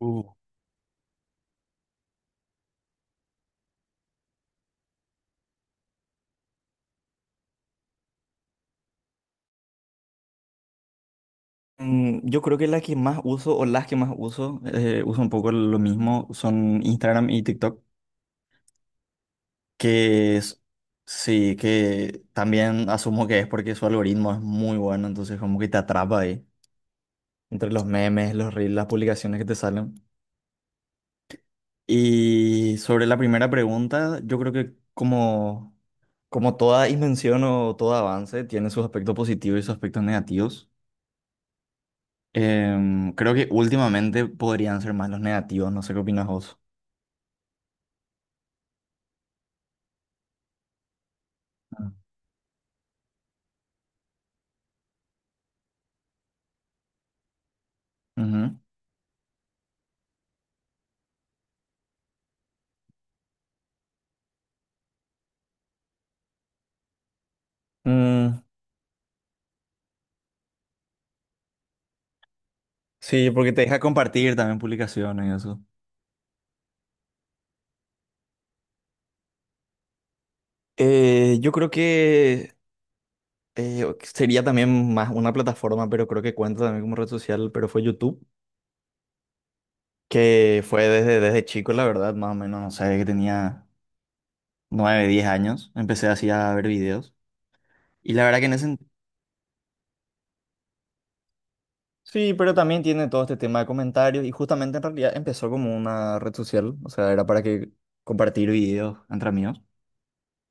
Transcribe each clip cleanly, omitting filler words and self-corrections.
Uh, Yo creo que la que más uso o las que más uso, uso un poco lo mismo, son Instagram y TikTok, que es- sí, que también asumo que es porque su algoritmo es muy bueno, entonces como que te atrapa ahí, entre los memes, los reels, las publicaciones que te salen. Y sobre la primera pregunta, yo creo que como toda invención o todo avance, tiene sus aspectos positivos y sus aspectos negativos. Creo que últimamente podrían ser más los negativos, no sé qué opinas vos. Ujú. Mm, sí, porque te deja compartir también publicaciones y eso. Yo creo que sería también más una plataforma, pero creo que cuenta también como red social, pero fue YouTube, que fue desde chico, la verdad, más o menos, no sé, que tenía 9 10 años, empecé así a ver videos. Y la verdad que en ese... Sí, pero también tiene todo este tema de comentarios y justamente en realidad empezó como una red social, o sea, era para que compartir videos entre amigos.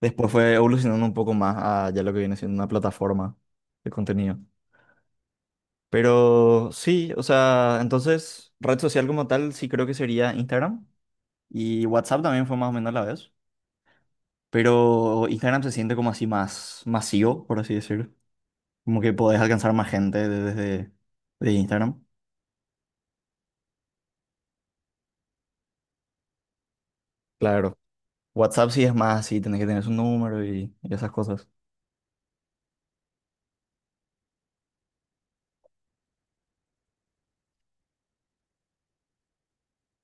Después fue evolucionando un poco más a ya lo que viene siendo una plataforma de contenido. Pero sí, o sea, entonces red social como tal sí creo que sería Instagram y WhatsApp también fue más o menos a la vez. Pero Instagram se siente como así más masivo, por así decir. Como que podés alcanzar más gente de- desde de Instagram. Claro. WhatsApp sí es más así, tenés que tener su número y esas cosas.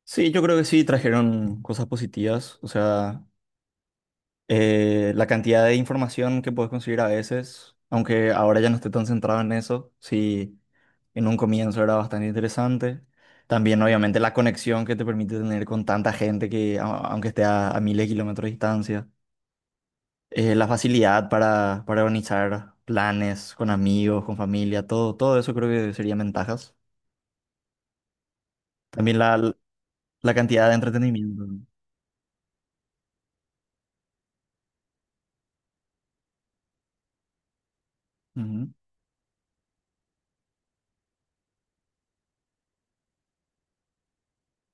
Sí, yo creo que sí trajeron cosas positivas. O sea, la cantidad de información que puedes conseguir a veces, aunque ahora ya no esté tan centrado en eso, sí, en un comienzo era bastante interesante. También, obviamente, la conexión que te permite tener con tanta gente que, aunque esté a miles de kilómetros de distancia. La facilidad para organizar planes con amigos, con familia, todo eso creo que serían ventajas. También la cantidad de entretenimiento, ¿no? Ujú.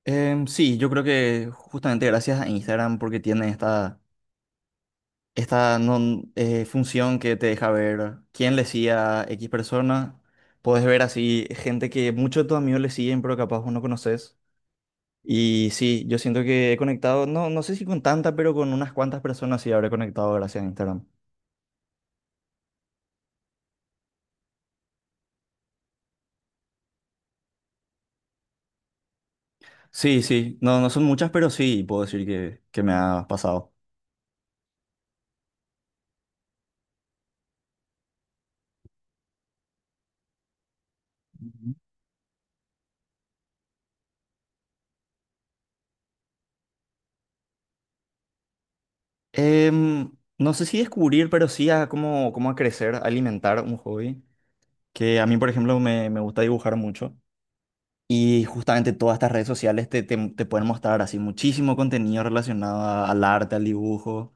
Sí, yo creo que justamente gracias a Instagram porque tiene esta función que te deja ver quién le sigue a X persona. Puedes ver así gente que muchos de tus amigos le siguen, pero capaz vos no conoces. Y sí, yo siento que he conectado, no, no sé si con tanta, pero con unas cuantas personas sí habré conectado gracias a Instagram. Sí, sí, no, no son muchas, pero sí puedo decir que me ha pasado. Em, no sé si descubrir, pero sí a cómo, cómo a crecer, a alimentar un hobby. Que a mí, por ejemplo, me gusta dibujar mucho. Y justamente todas estas redes sociales te pueden mostrar así muchísimo contenido relacionado al arte, al dibujo,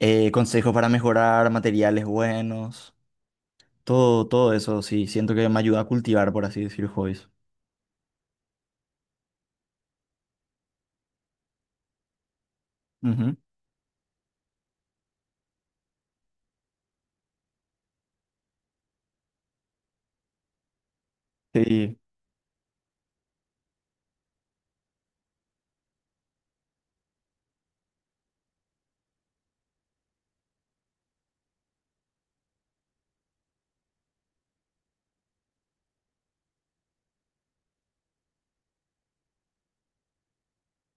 consejos para mejorar, materiales buenos, todo eso, sí, siento que me ayuda a cultivar, por así decir, hobbies. Ujú. Sí,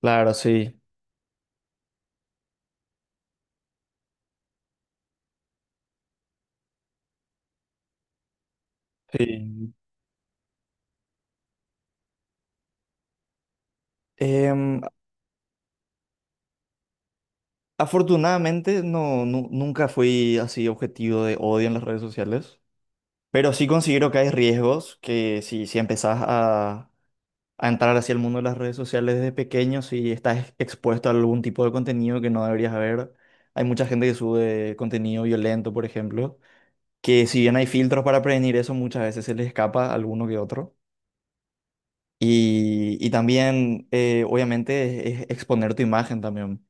claro, sí, sí. Em, Afortunadamente no, nunca fui así objetivo de odio en las redes sociales, pero sí considero que hay riesgos que si empezás a entrar hacia el mundo de las redes sociales desde pequeño si estás expuesto a algún tipo de contenido que no deberías ver. Hay mucha gente que sube contenido violento, por ejemplo, que si bien hay filtros para prevenir eso, muchas veces se les escapa alguno que otro. Y también, obviamente, es exponer tu imagen también.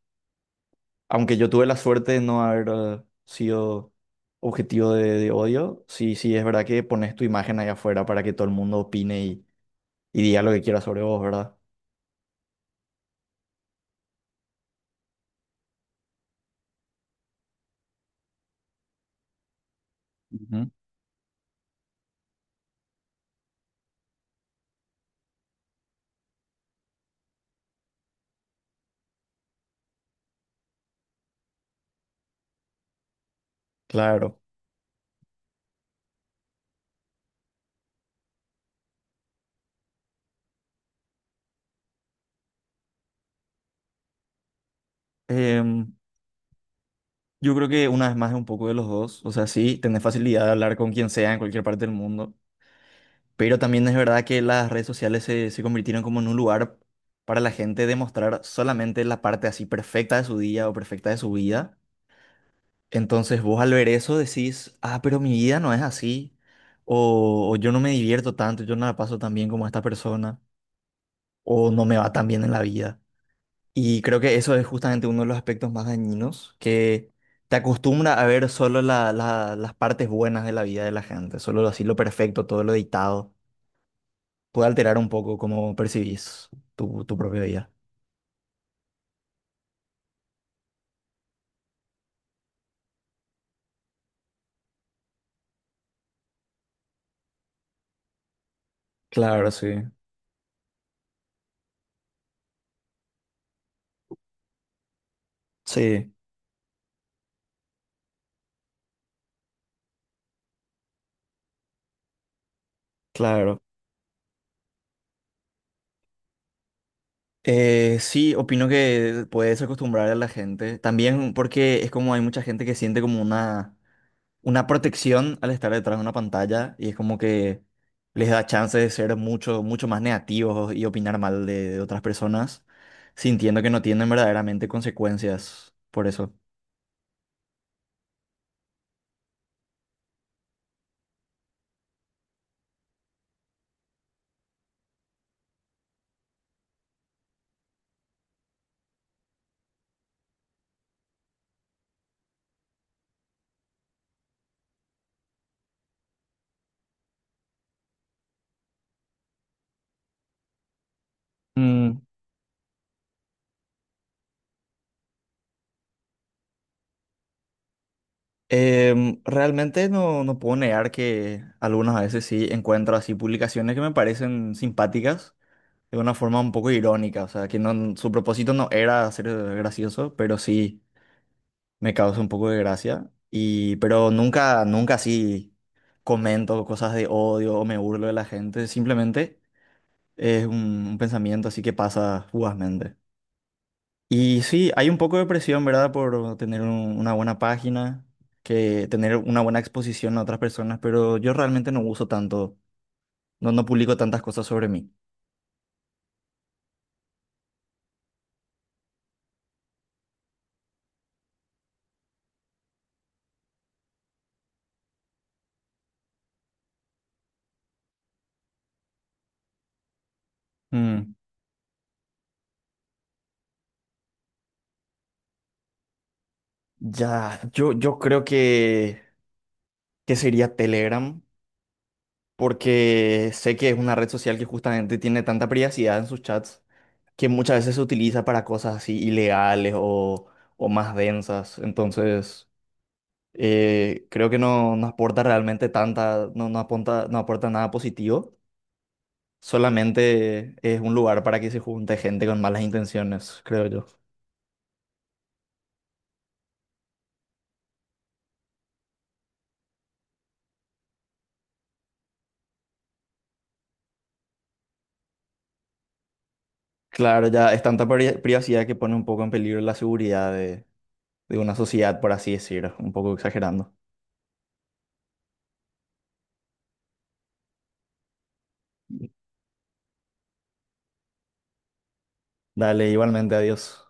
Aunque yo tuve la suerte de no haber sido objetivo de odio, sí, sí, es verdad que pones tu imagen ahí afuera para que todo el mundo opine y diga lo que quiera sobre vos, ¿verdad? Ujú. Claro. Em, yo creo que una vez más es un poco de los dos. O sea, sí, tener facilidad de hablar con quien sea en cualquier parte del mundo. Pero también es verdad que las redes sociales se convirtieron como en un lugar para la gente demostrar solamente la parte así perfecta de su día o perfecta de su vida. Entonces vos al ver eso decís, ah, pero mi vida no es así. O yo no me divierto tanto, yo no la paso tan bien como esta persona. O no me va tan bien en la vida. Y creo que eso es justamente uno de los aspectos más dañinos, que te acostumbra a ver solo las partes buenas de la vida de la gente, solo así lo perfecto, todo lo editado. Puede alterar un poco cómo percibís tu propia vida. Claro, sí. Sí, claro. Sí, opino que puedes acostumbrar a la gente. También porque es como hay mucha gente que siente como una protección al estar detrás de una pantalla y es como que les da chance de ser mucho más negativos y opinar mal de otras personas, sintiendo que no tienen verdaderamente consecuencias por eso. Mm, Realmente no, no puedo negar que algunas veces sí encuentro así publicaciones que me parecen simpáticas de una forma un poco irónica, o sea, que no, su propósito no era ser gracioso, pero sí me causa un poco de gracia, y, pero nunca así comento cosas de odio o me burlo de la gente, simplemente es un pensamiento así que pasa fugazmente. Y sí, hay un poco de presión, ¿verdad? Por tener una buena página, que tener una buena exposición a otras personas, pero yo realmente no uso tanto, no, no publico tantas cosas sobre mí. Mm, yo creo que sería Telegram. Porque sé que es una red social que justamente tiene tanta privacidad en sus chats que muchas veces se utiliza para cosas así ilegales o más densas. Entonces, creo que no, no aporta realmente tanta, no, no aporta nada positivo. Solamente es un lugar para que se junte gente con malas intenciones, creo yo. Claro, ya es tanta privacidad que pone un poco en peligro la seguridad de una sociedad, por así decirlo, un poco exagerando. Dale, igualmente, adiós.